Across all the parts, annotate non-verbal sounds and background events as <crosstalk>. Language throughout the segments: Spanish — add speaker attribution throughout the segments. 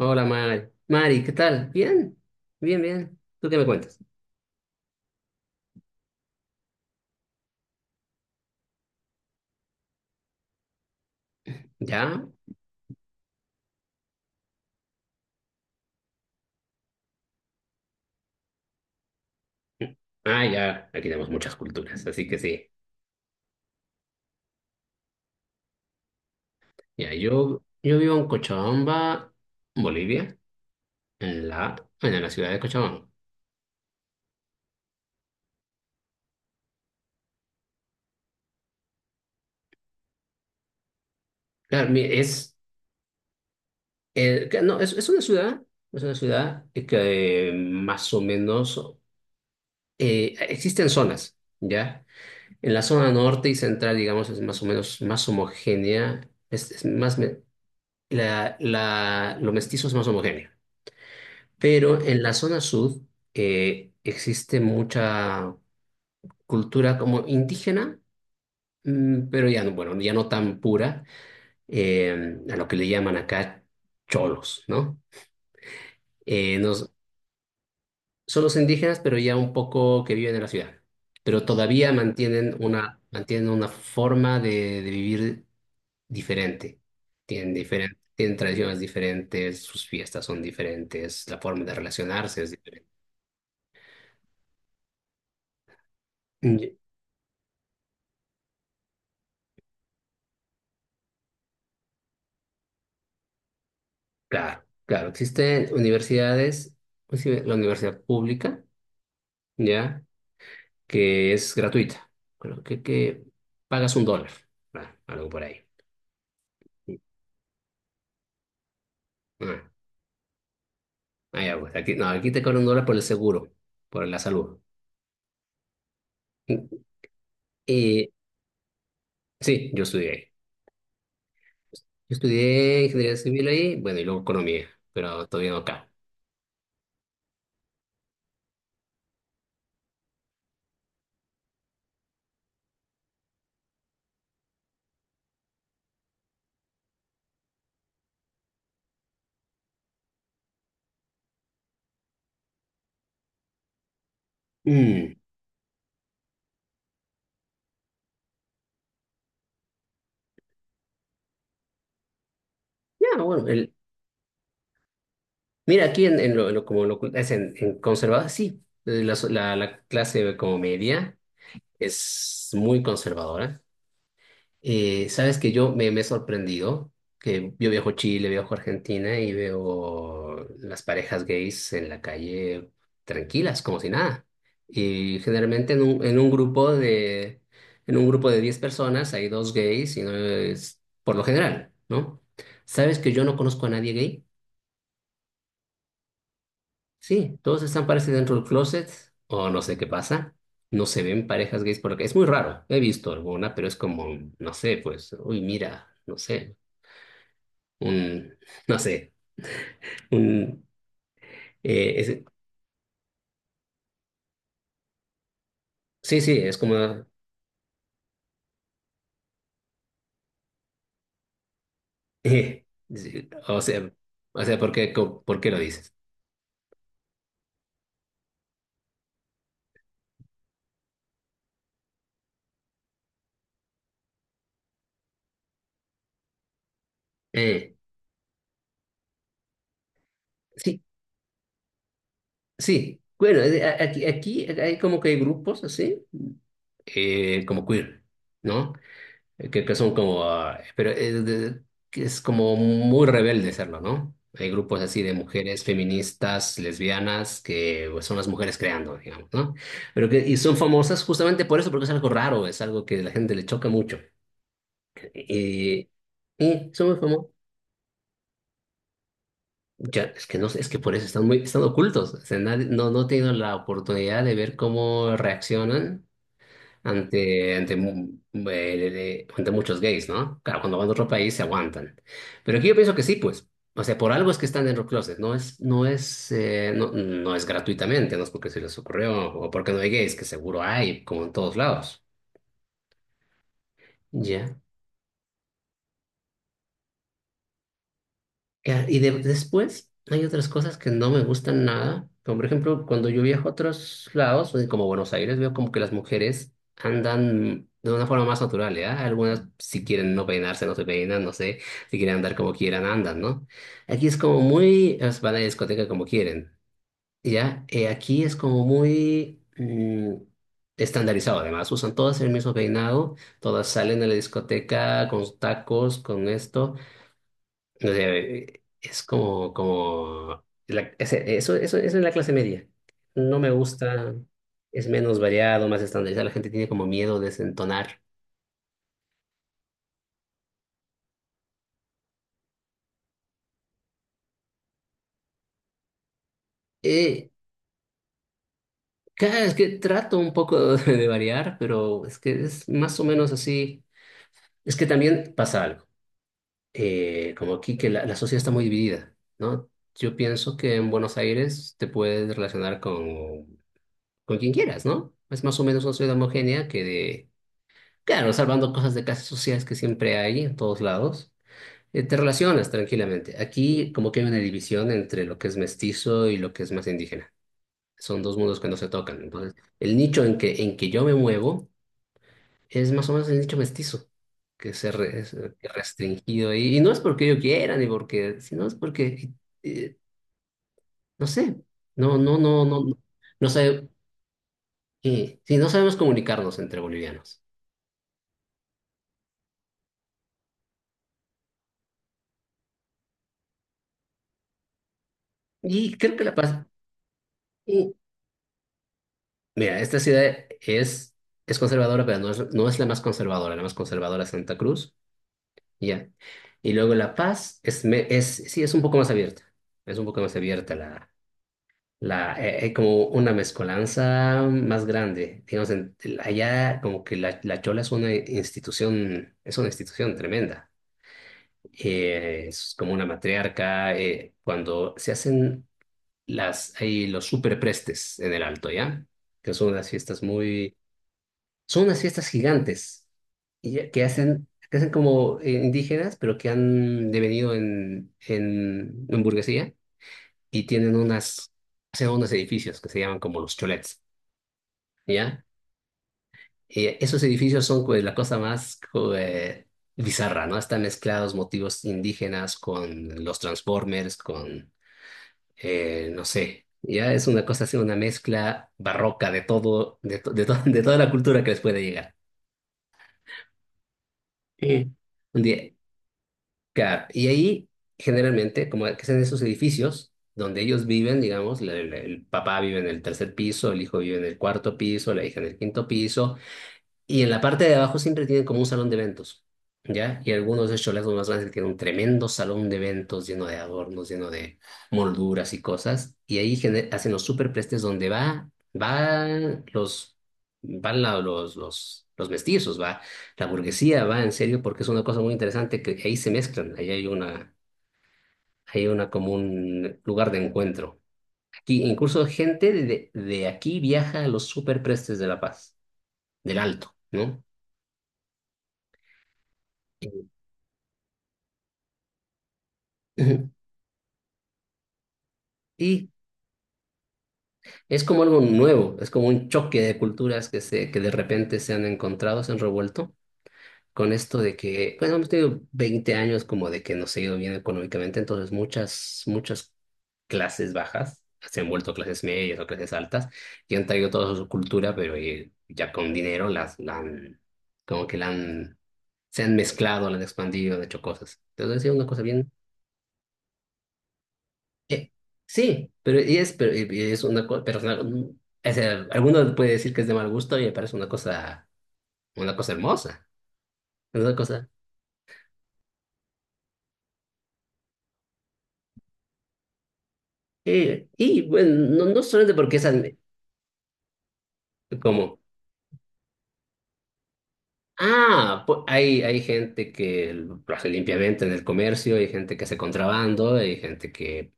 Speaker 1: Hola, Mari. Mari, ¿qué tal? Bien, bien, bien. ¿Tú qué me cuentas? ¿Ya? Ah, ya. Aquí tenemos muchas culturas, así que sí. Ya, yo vivo en Cochabamba, Bolivia, en la ciudad de Cochabamba. Claro, es, que no, es una ciudad que más o menos existen zonas, ¿ya? En la zona norte y central, digamos, es más o menos más homogénea, es más, me- la, lo mestizo es más homogéneo. Pero en la zona sur existe mucha cultura como indígena, pero ya no, bueno, ya no tan pura, a lo que le llaman acá cholos, ¿no? Eh, nos- Son los indígenas, pero ya un poco que viven en la ciudad, pero todavía mantienen una forma de vivir diferente. Tienen tradiciones diferentes, sus fiestas son diferentes, la forma de relacionarse es diferente. Claro, claro. Existen universidades, pues sí, la universidad pública, ¿ya? Que es gratuita. Creo que pagas $1, ah, algo por ahí. Ah, ya, pues, aquí, no, aquí te cobran $1 por el seguro, por la salud. Y sí, yo estudié ahí. Yo estudié ingeniería civil ahí, bueno, y luego economía, pero todavía no acá. Mm, Ya, bueno, el, mira, aquí en lo- como lo es en conservador, sí, la clase como media. Es muy conservadora. Sabes que yo me he sorprendido que yo viajo a Chile, viajo a Argentina y veo las parejas gays en la calle tranquilas, como si nada. Y generalmente en un, en un grupo de 10 personas hay dos gays y no es por lo general, ¿no? ¿Sabes que yo no conozco a nadie gay? Sí, todos están parece dentro del closet o no sé qué pasa. No se ven parejas gays porque es muy raro. He visto alguna, pero es como, no sé, pues, uy, mira, no sé, un, <laughs> no sé, un, eh, es- sí, sí, es como, <laughs> eh, sí, o sea, ¿ por qué lo dices? Eh, sí, sí, bueno, aquí hay como que hay grupos así, como queer, ¿no? Que son como, ah, pero que es como muy rebelde serlo, ¿no? Hay grupos así de mujeres feministas, lesbianas, que pues, son las mujeres creando, digamos, ¿no? Pero que, y son famosas justamente por eso, porque es algo raro, es algo que a la gente le choca mucho. Y, y son muy famosas. Ya, es que no sé, es que por eso están muy, están ocultos. O sea, nadie- no, no he tenido la oportunidad de ver cómo reaccionan ante, ante muchos gays, ¿no? Claro, cuando van a otro país se aguantan. Pero aquí yo pienso que sí, pues. O sea, por algo es que están en los closets, no es, no es, no, no es gratuitamente, no es porque se les ocurrió o porque no hay gays, que seguro hay, como en todos lados. Ya. Y después hay otras cosas que no me gustan nada, como por ejemplo cuando yo viajo a otros lados, como Buenos Aires, veo como que las mujeres andan de una forma más natural, ¿ya? Algunas si quieren no peinarse, no se peinan, no sé, si quieren andar como quieran, andan, ¿no? Aquí es como muy, es, van a la discoteca como quieren, ¿ya? Aquí es como muy estandarizado, además, usan todas el mismo peinado, todas salen a la discoteca con tacos, con esto. No sé, es como, como la- eso es la clase media. No me gusta, es menos variado, más estandarizado. La gente tiene como miedo de desentonar. Eh, claro, es que trato un poco <laughs> de variar, pero es que es más o menos así. Es que también pasa algo. Como aquí que la sociedad está muy dividida, ¿no? Yo pienso que en Buenos Aires te puedes relacionar con, quien quieras, ¿no? Es más o menos una sociedad homogénea que de Claro, salvando cosas de clases sociales que siempre hay en todos lados, te relacionas tranquilamente. Aquí como que hay una división entre lo que es mestizo y lo que es más indígena. Son dos mundos que no se tocan. Entonces, el nicho en que yo me muevo es más o menos el nicho mestizo, que se es restringido. Y no es porque yo quiera, ni porque, sino es porque, eh, no sé, no, no, no, no, no, no sé, sí, no sabemos comunicarnos entre bolivianos. Y creo que La Paz. Mira, esta ciudad es, conservadora, pero no es la más conservadora. La más conservadora es Santa Cruz, ya. Y luego La Paz es, es, sí, es un poco más abierta. Es un poco más abierta como una mezcolanza más grande. Digamos, allá como que la Chola es una institución tremenda. Es como una matriarca. Cuando se hacen las, hay los superprestes en El Alto, ¿ya? Que son unas fiestas muy. Son unas fiestas gigantes que hacen como indígenas, pero que han devenido en burguesía y tienen unas, hacen unos edificios que se llaman como los cholets, ¿ya? Y esos edificios son pues, la cosa más bizarra, ¿no? Están mezclados motivos indígenas con los Transformers, con, no sé, ya es una cosa así, una mezcla barroca de todo, <laughs> de toda la cultura que les puede llegar. Sí. Un día, claro, y ahí generalmente, como que en esos edificios donde ellos viven, digamos, el papá vive en el tercer piso, el hijo vive en el cuarto piso, la hija en el quinto piso, y en la parte de abajo siempre tienen como un salón de eventos, ¿ya? Y algunos de estos cholazos más grandes tienen un tremendo salón de eventos lleno de adornos, lleno de molduras y cosas. Y ahí hacen los superprestes donde va, van los, los, los mestizos, va la burguesía, va en serio, porque es una cosa muy interesante que ahí se mezclan. Ahí hay una como un lugar de encuentro. Aquí incluso gente de aquí viaja a los superprestes de La Paz, del Alto, ¿no? <clears throat> <laughs> Y es como algo nuevo, es como un choque de culturas que, se, que de repente se han encontrado, se han revuelto con esto de que, pues hemos tenido 20 años como de que nos ha ido bien económicamente, entonces muchas, muchas clases bajas se han vuelto clases medias o clases altas y han traído toda su cultura, pero ya con dinero la han, como que la han, se han mezclado, la han expandido, han hecho cosas. Entonces es una cosa. Eh, sí, pero y es, pero, y es una cosa, pero es una- o sea, alguno puede decir que es de mal gusto y me parece una cosa hermosa, una cosa. Y bueno, no, no solamente porque es como, ah, hay, hay gente que lo hace limpiamente en el comercio, hay gente que hace contrabando, hay gente que.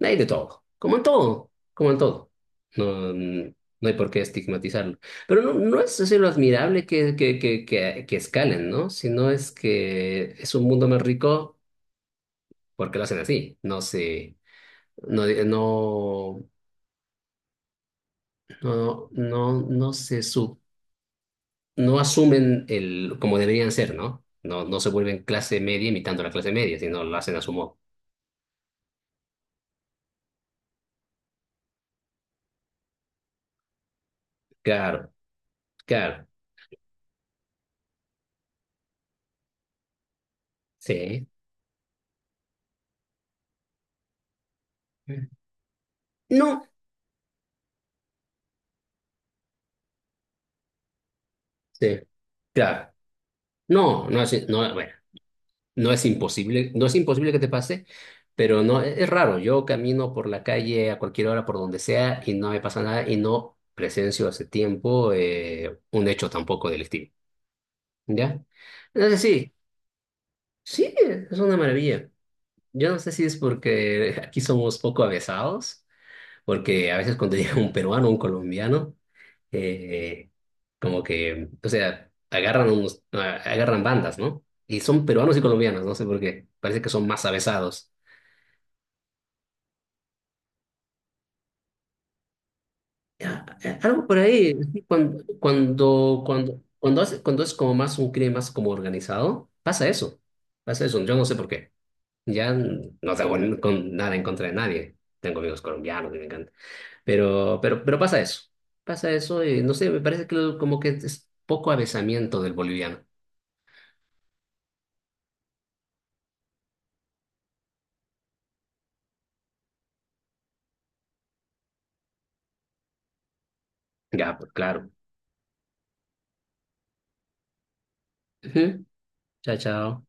Speaker 1: Hay de todo, como en todo, como en todo. No, mm, no hay por qué estigmatizarlo. Pero no, no es decir lo admirable que escalen, ¿no? Sino es que es un mundo más rico porque lo hacen así. No se, no, no, no, no, no asumen el, como deberían ser, ¿no? No, no se vuelven clase media imitando la clase media, sino lo hacen a su modo. Claro, claro, sí. No, sí, claro. No, no, así, no, bueno. No es imposible, no es imposible que te pase, pero no es raro. Yo camino por la calle a cualquier hora, por donde sea, y no me pasa nada y no presencio hace tiempo un hecho tampoco delictivo. ¿Ya? Entonces sí, sí, es una maravilla. Yo no sé si es porque aquí somos poco avesados, porque a veces cuando <laughs> llega un peruano, un colombiano, eh, como que, o sea, agarran unos, agarran bandas, ¿no? Y son peruanos y colombianos, no sé por qué. Parece que son más avesados. Algo por ahí, así, cuando es como más un crimen más como organizado, pasa eso, yo no sé por qué, ya no tengo con nada en contra de nadie, tengo amigos colombianos que me encantan, pero, pero pasa eso, y no sé, me parece que como que es poco avezamiento del boliviano, ya, pues claro. Ujú. Chao, chao.